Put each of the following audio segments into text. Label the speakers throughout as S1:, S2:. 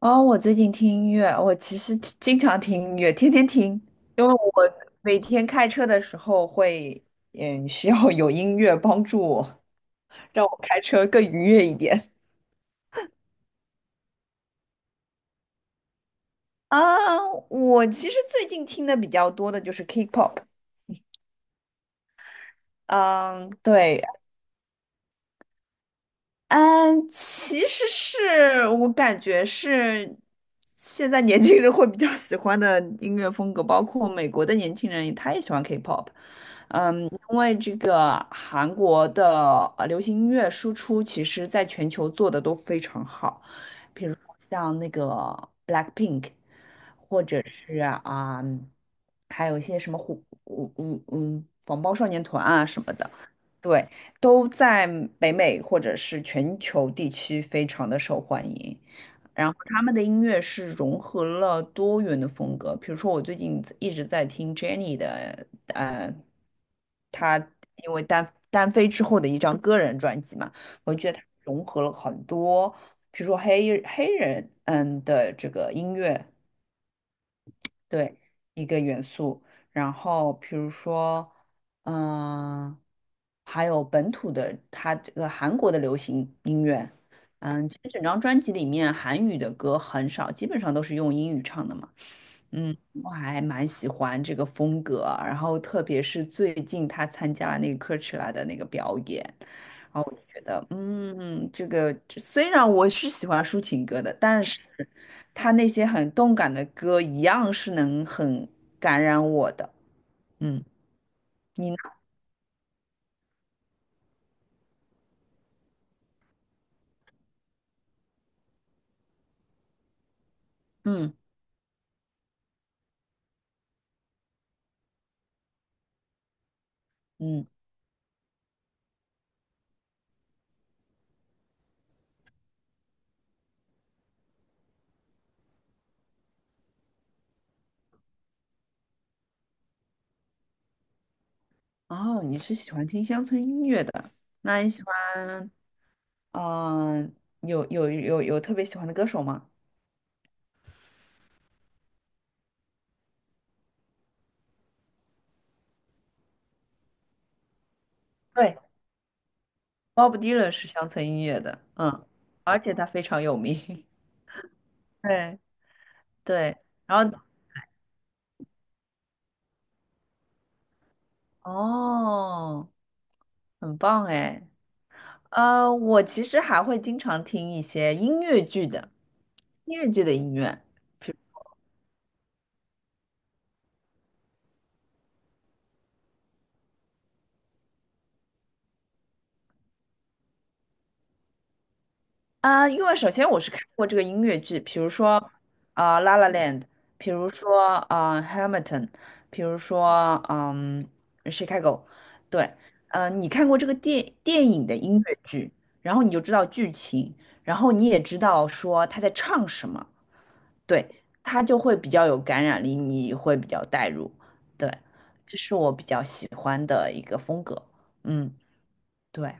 S1: 哦，我最近听音乐，我其实经常听音乐，天天听，因为我每天开车的时候会，需要有音乐帮助我，让我开车更愉悦一点。啊，我其实最近听的比较多的就是 K-pop，嗯，对，嗯，其实是我感觉是现在年轻人会比较喜欢的音乐风格，包括美国的年轻人，他也喜欢 K-pop。嗯，因为这个韩国的流行音乐输出，其实在全球做的都非常好，比如说像那个 Blackpink，或者是啊、还有一些什么虎，防爆少年团啊什么的。对，都在北美或者是全球地区非常的受欢迎。然后他们的音乐是融合了多元的风格，比如说我最近一直在听 Jennie 的，她因为单飞之后的一张个人专辑嘛，我觉得她融合了很多，比如说黑人的这个音乐，对，一个元素。然后比如说，嗯、还有本土的，它这个韩国的流行音乐，其实整张专辑里面韩语的歌很少，基本上都是用英语唱的嘛。嗯，我还蛮喜欢这个风格啊，然后特别是最近他参加了那个 c o a c h e 的那个表演，然后我就觉得，这虽然我是喜欢抒情歌的，但是。他那些很动感的歌一样是能很感染我的。嗯，你呢？嗯嗯，哦，你是喜欢听乡村音乐的，那你喜欢嗯、有特别喜欢的歌手吗？对，Bob Dylan 是乡村音乐的，而且他非常有名。对对，然后哦，很棒哎。我其实还会经常听一些音乐剧的音乐。啊，因为首先我是看过这个音乐剧，比如说La La Land》，比如说Hamilton》，比如说《Chicago》。对，你看过这个电影的音乐剧，然后你就知道剧情，然后你也知道说他在唱什么，对，他就会比较有感染力，你会比较带入。对，这是我比较喜欢的一个风格。嗯，对。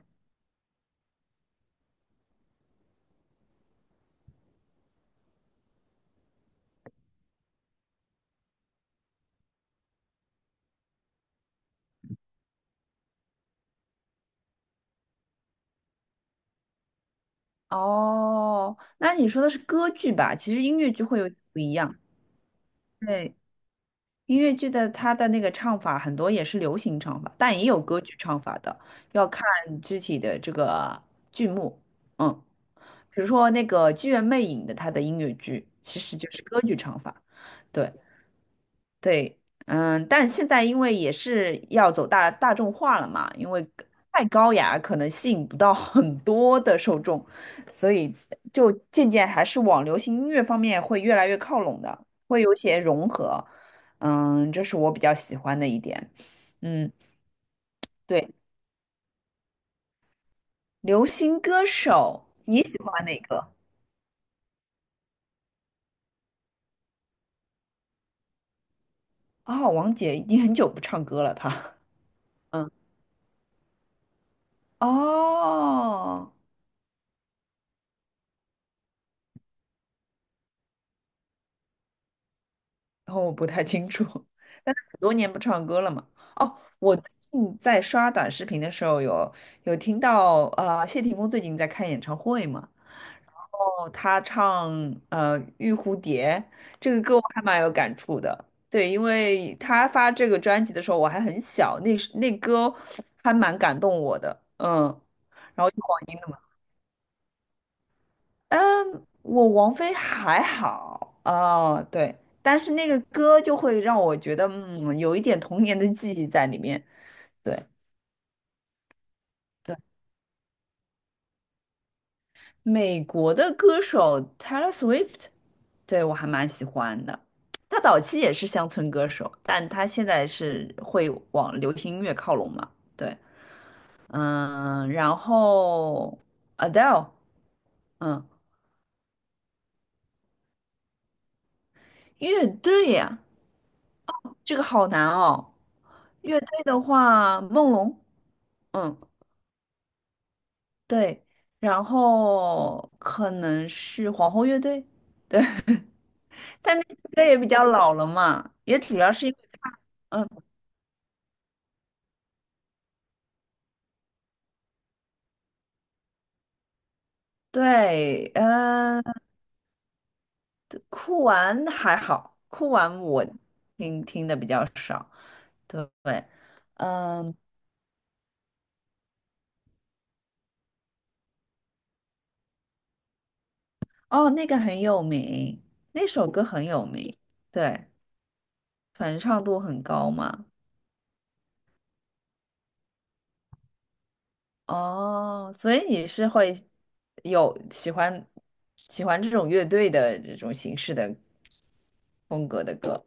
S1: 哦，那你说的是歌剧吧？其实音乐剧会有点不一样。对，音乐剧的它的那个唱法很多也是流行唱法，但也有歌剧唱法的，要看具体的这个剧目。嗯，比如说那个《剧院魅影》的它的音乐剧其实就是歌剧唱法。对，对，但现在因为也是要走大众化了嘛，因为太高雅可能吸引不到 很多的受众，所以就渐渐还是往流行音乐方面会越来越靠拢的，会有些融合，这是我比较喜欢的一点，嗯，对，流行歌手你喜欢哪个？哦，王姐已经很久不唱歌了，她，嗯，哦。然后我不太清楚，但是很多年不唱歌了嘛。哦，我最近在刷短视频的时候有听到，谢霆锋最近在开演唱会嘛，哦，他唱《玉蝴蝶》这个歌，我还蛮有感触的。对，因为他发这个专辑的时候我还很小，那时那歌还蛮感动我的，然后就网易。嗯，我王菲还好，哦，对，但是那个歌就会让我觉得，有一点童年的记忆在里面。对对，美国的歌手 Taylor Swift，对我还蛮喜欢的。他早期也是乡村歌手，但他现在是会往流行音乐靠拢嘛？对，然后 Adele，嗯，乐队呀，这个好难哦。乐队的话，梦龙。嗯，对，然后可能是皇后乐队，对，但那首歌也比较老了嘛，也主要是因为他，嗯，对，酷玩还好，酷玩我听的比较少，对，嗯，哦，那个很有名，那首歌很有名，对，传唱度很高嘛。哦，所以你是会有喜欢这种乐队的这种形式的风格的歌，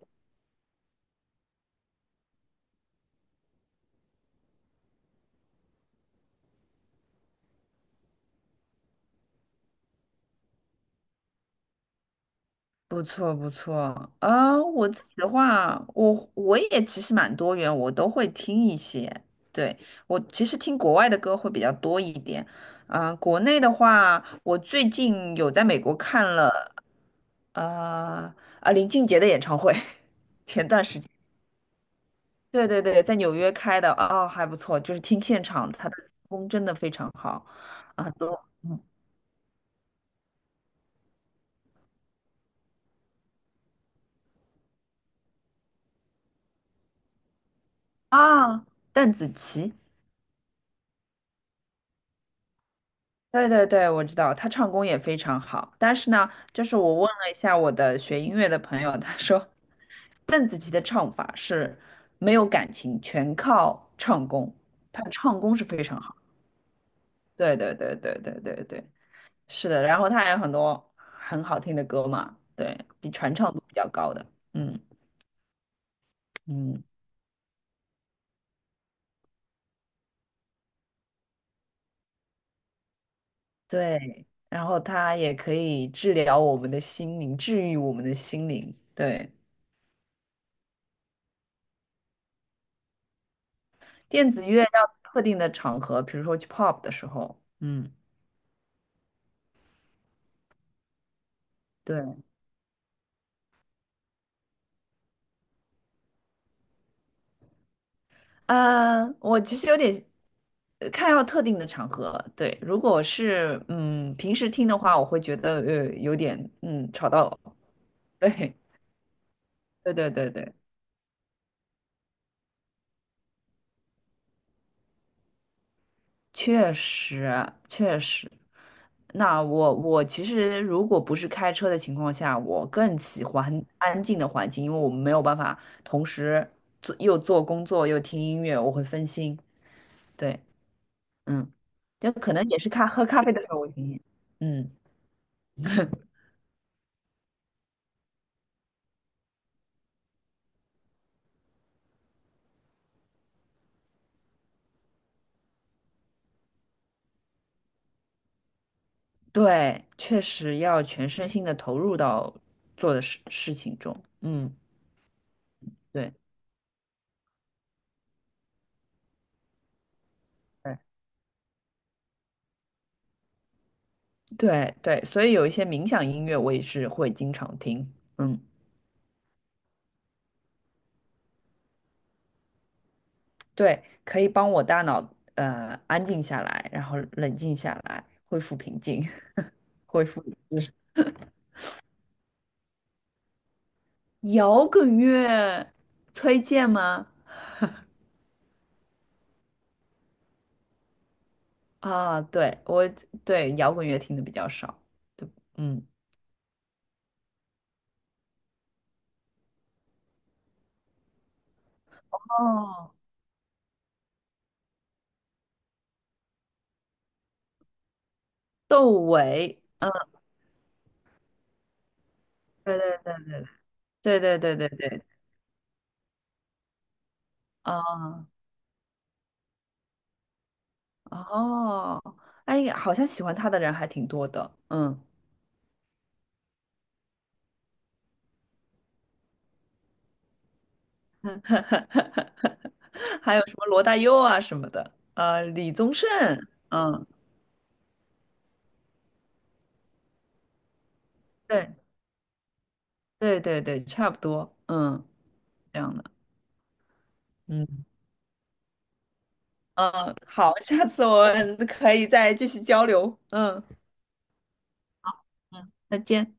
S1: 不错不错。我自己的话，我也其实蛮多元，我都会听一些。对，我其实听国外的歌会比较多一点。国内的话，我最近有在美国看了呃林俊杰的演唱会，前段时间。对对对，在纽约开的，哦，还不错，就是听现场，他的唱功真的非常好，啊，很多，啊，邓紫棋，对对对，我知道，他唱功也非常好，但是呢，就是我问了一下我的学音乐的朋友，他说邓紫棋的唱法是没有感情，全靠唱功，她的唱功是非常好，对对对对对对对，是的，然后她还有很多很好听的歌嘛，对，比传唱度比较高的，嗯嗯。对，然后它也可以治疗我们的心灵，治愈我们的心灵。对，电子乐要特定的场合，比如说去 pop 的时候，嗯，对，我其实有点看要特定的场合。对，如果是平时听的话，我会觉得有点吵到我。对，对对对对。确实，确实。那我其实如果不是开车的情况下，我更喜欢安静的环境，因为我们没有办法同时又做工作又听音乐，我会分心。对，嗯，就可能也是喝咖啡的时候我听音乐嗯，对，确实要全身心的投入到做的事情中。嗯，对对对对，所以有一些冥想音乐我也是会经常听。嗯。对，可以帮我大脑安静下来，然后冷静下来，恢复平静，恢复理智。摇滚乐推荐吗？啊，对，我对摇滚乐听的比较少。对，嗯，哦，窦唯，嗯，对对对对对对对，啊，哦，哎，好像喜欢他的人还挺多的，嗯，还有什么罗大佑啊什么的，李宗盛，嗯。对。对对对，差不多，嗯，这样的，嗯，嗯，好，下次我们可以再继续交流，嗯嗯，再见。